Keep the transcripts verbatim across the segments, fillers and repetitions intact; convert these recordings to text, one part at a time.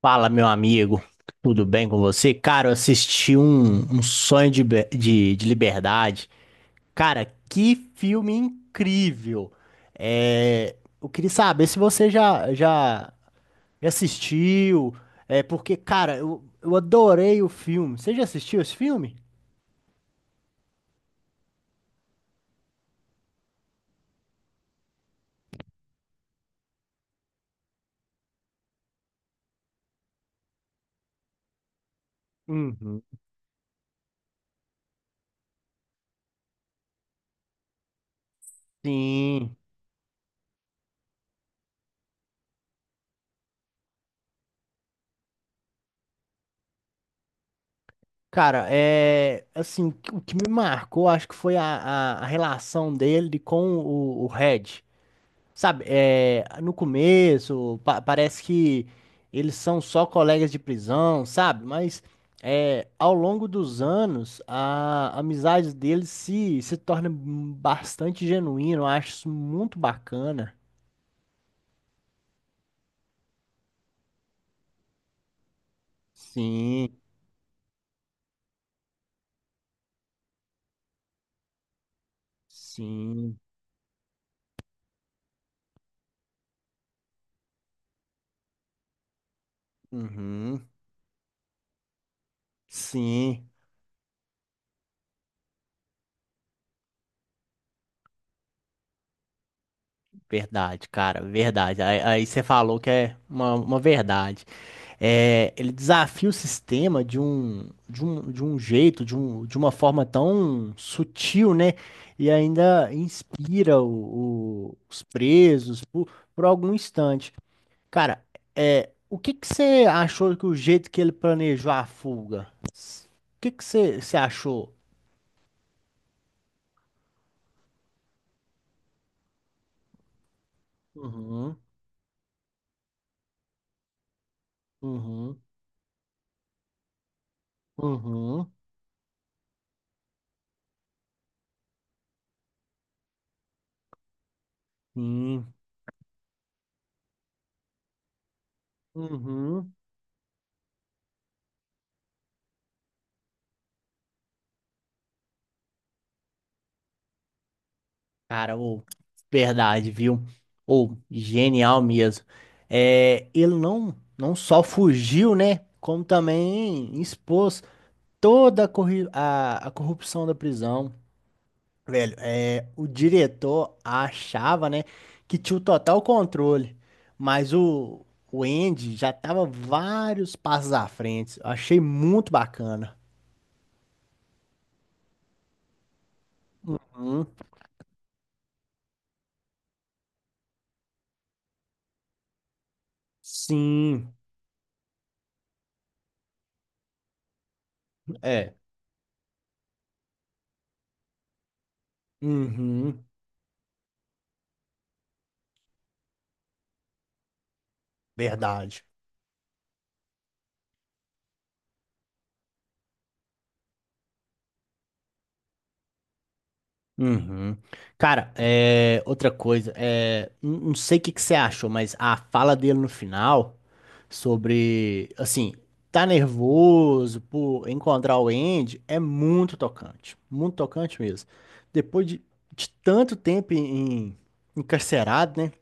Fala, meu amigo, tudo bem com você? Cara, eu assisti um, um Sonho de, Be- de, de Liberdade. Cara, que filme incrível! É, eu queria saber se você já, já assistiu, é, porque, cara, eu, eu adorei o filme. Você já assistiu esse filme? Uhum. Sim. Cara, é assim, o que me marcou, acho que foi a, a, a relação dele com o, o Red. Sabe, é, no começo pa- parece que eles são só colegas de prisão, sabe? Mas é, ao longo dos anos a amizade deles se, se torna bastante genuína, eu acho isso muito bacana. Sim, sim, uhum, sim, verdade, cara, verdade. Aí, aí você falou que é uma, uma verdade. É, ele desafia o sistema de um, de um, de um jeito, de, um, de uma forma tão sutil, né? E ainda inspira o- o- os presos por, por algum instante. Cara, é, o que que você achou que o jeito que ele planejou a fuga? O que que você, você achou? Uhum, uhum, uhum, sim, uhum. Cara, ou verdade, viu? Ou genial mesmo. É, ele não, não só fugiu, né? Como também expôs toda a, corri- a- a corrupção da prisão. Velho, é, o diretor achava, né, que tinha o total controle, mas o, o Andy já tava vários passos à frente. Eu achei muito bacana. Hum, sim, é. Uhum, verdade. Uhum. Cara, é, outra coisa, é, n- não sei o que que você achou, mas a fala dele no final sobre, assim, tá nervoso por encontrar o Andy é muito tocante, muito tocante mesmo. Depois de, de tanto tempo em- encarcerado, né?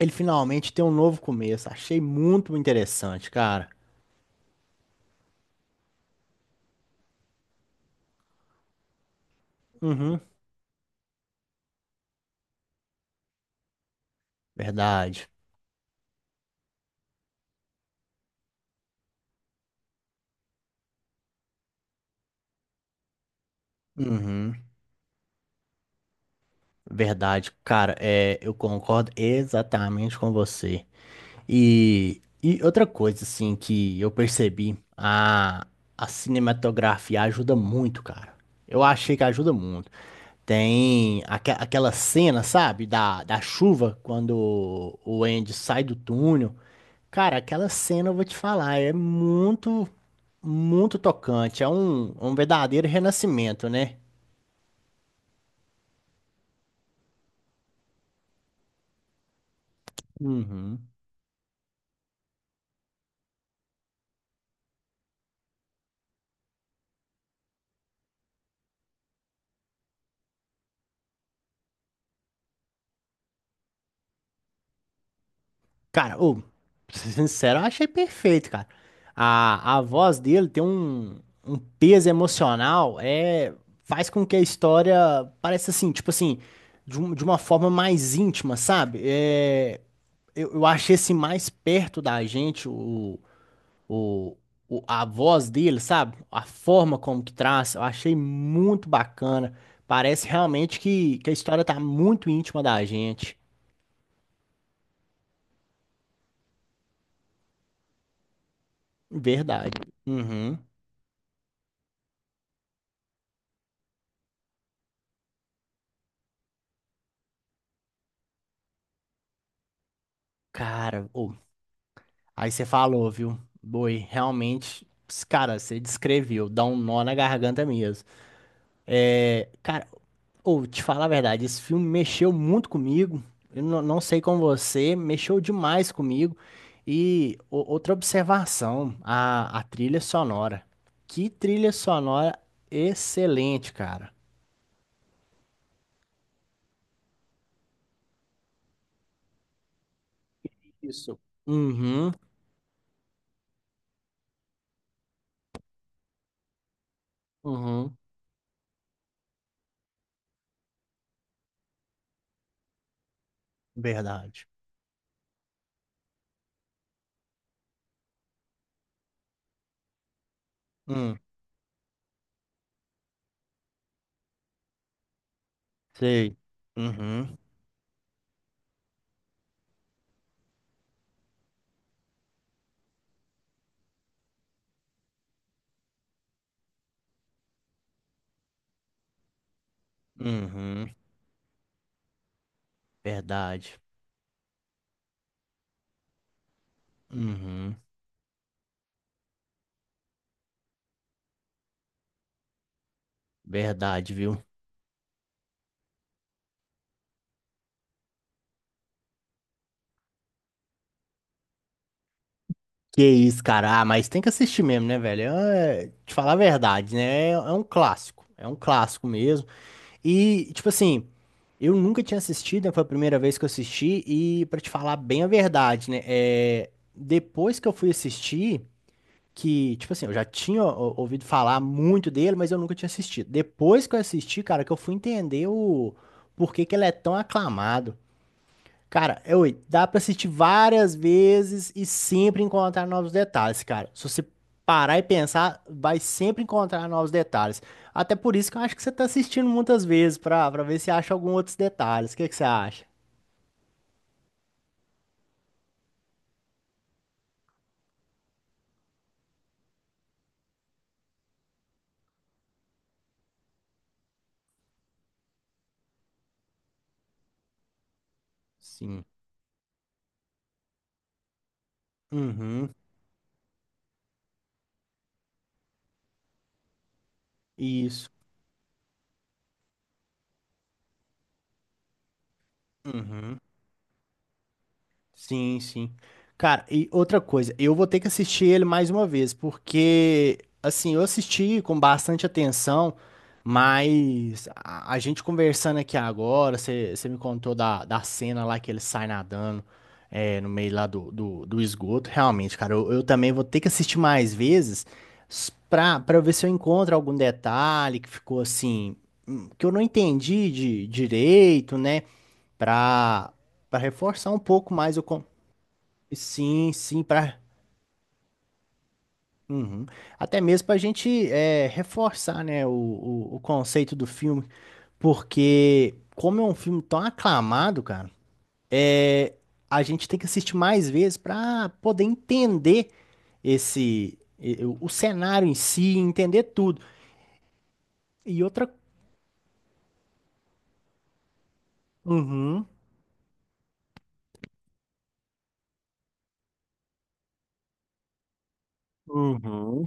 Ele finalmente tem um novo começo. Achei muito interessante, cara. Uhum, verdade. Uhum, verdade, cara. É, eu concordo exatamente com você. E, e outra coisa, assim, que eu percebi, a, a cinematografia ajuda muito, cara. Eu achei que ajuda muito. Tem aque- aquela cena, sabe, da, da chuva, quando o Andy sai do túnel. Cara, aquela cena, eu vou te falar, é muito, muito tocante. É um, um verdadeiro renascimento, né? Uhum. Cara, ô, pra ser sincero, eu achei perfeito, cara. A, a voz dele tem um, um peso emocional, é, faz com que a história pareça assim, tipo assim, de, um- de uma forma mais íntima, sabe? É, eu, eu achei assim mais perto da gente o, o, o- a voz dele, sabe? A forma como que traz, eu achei muito bacana. Parece realmente que, que a história tá muito íntima da gente. Verdade. Uhum. Cara, ô. Aí você falou, viu? Boi, realmente, ps- cara, você descreveu, dá um nó na garganta mesmo. É, cara, ou te falar a verdade, esse filme mexeu muito comigo. Eu não, não sei com você, mexeu demais comigo. E o- outra observação, a, a trilha sonora. Que trilha sonora excelente, cara. Isso. Uhum, uhum, verdade. Hum, sei. Uhum, uhum, verdade. Uhum. Verdade, viu? Que isso, cara. Ah, mas tem que assistir mesmo, né, velho? É, te falar a verdade, né? É é um clássico. É um clássico mesmo. E, tipo assim, eu nunca tinha assistido, né? Foi a primeira vez que eu assisti. E, pra te falar bem a verdade, né? É, depois que eu fui assistir, que, tipo assim, eu já tinha ó, ouvido falar muito dele, mas eu nunca tinha assistido. Depois que eu assisti, cara, que eu fui entender o porquê que ele é tão aclamado. Cara, é, oi, dá pra assistir várias vezes e sempre encontrar novos detalhes, cara. Se você parar e pensar, vai sempre encontrar novos detalhes. Até por isso que eu acho que você tá assistindo muitas vezes pra, pra ver se acha algum outros detalhes. O que que você acha? Sim. Uhum, isso. Uhum. Sim, sim. Cara, e outra coisa, eu vou ter que assistir ele mais uma vez, porque, assim, eu assisti com bastante atenção, mas a, a gente conversando aqui agora, você me contou da, da cena lá que ele sai nadando, é, no meio lá do, do, do esgoto. Realmente, cara, eu, eu também vou ter que assistir mais vezes s- pra, pra ver se eu encontro algum detalhe que ficou assim, hum, que eu não entendi de direito, né? Pra, Pra reforçar um pouco mais o. con- Sim, sim, para até mesmo para a gente é, reforçar, né, o, o, o conceito do filme, porque como é um filme tão aclamado, cara, é, a gente tem que assistir mais vezes para poder entender esse e- o, o cenário em si, entender tudo. E outra, uhum, uhum,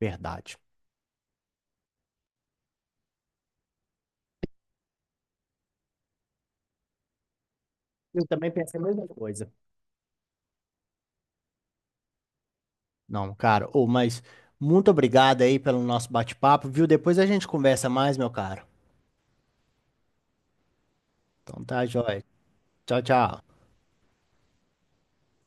verdade. Eu também pensei a mesma coisa. Não, cara, ou mas muito obrigado aí pelo nosso bate-papo, viu? Depois a gente conversa mais, meu cara. Então tá, joia. Tchau, tchau.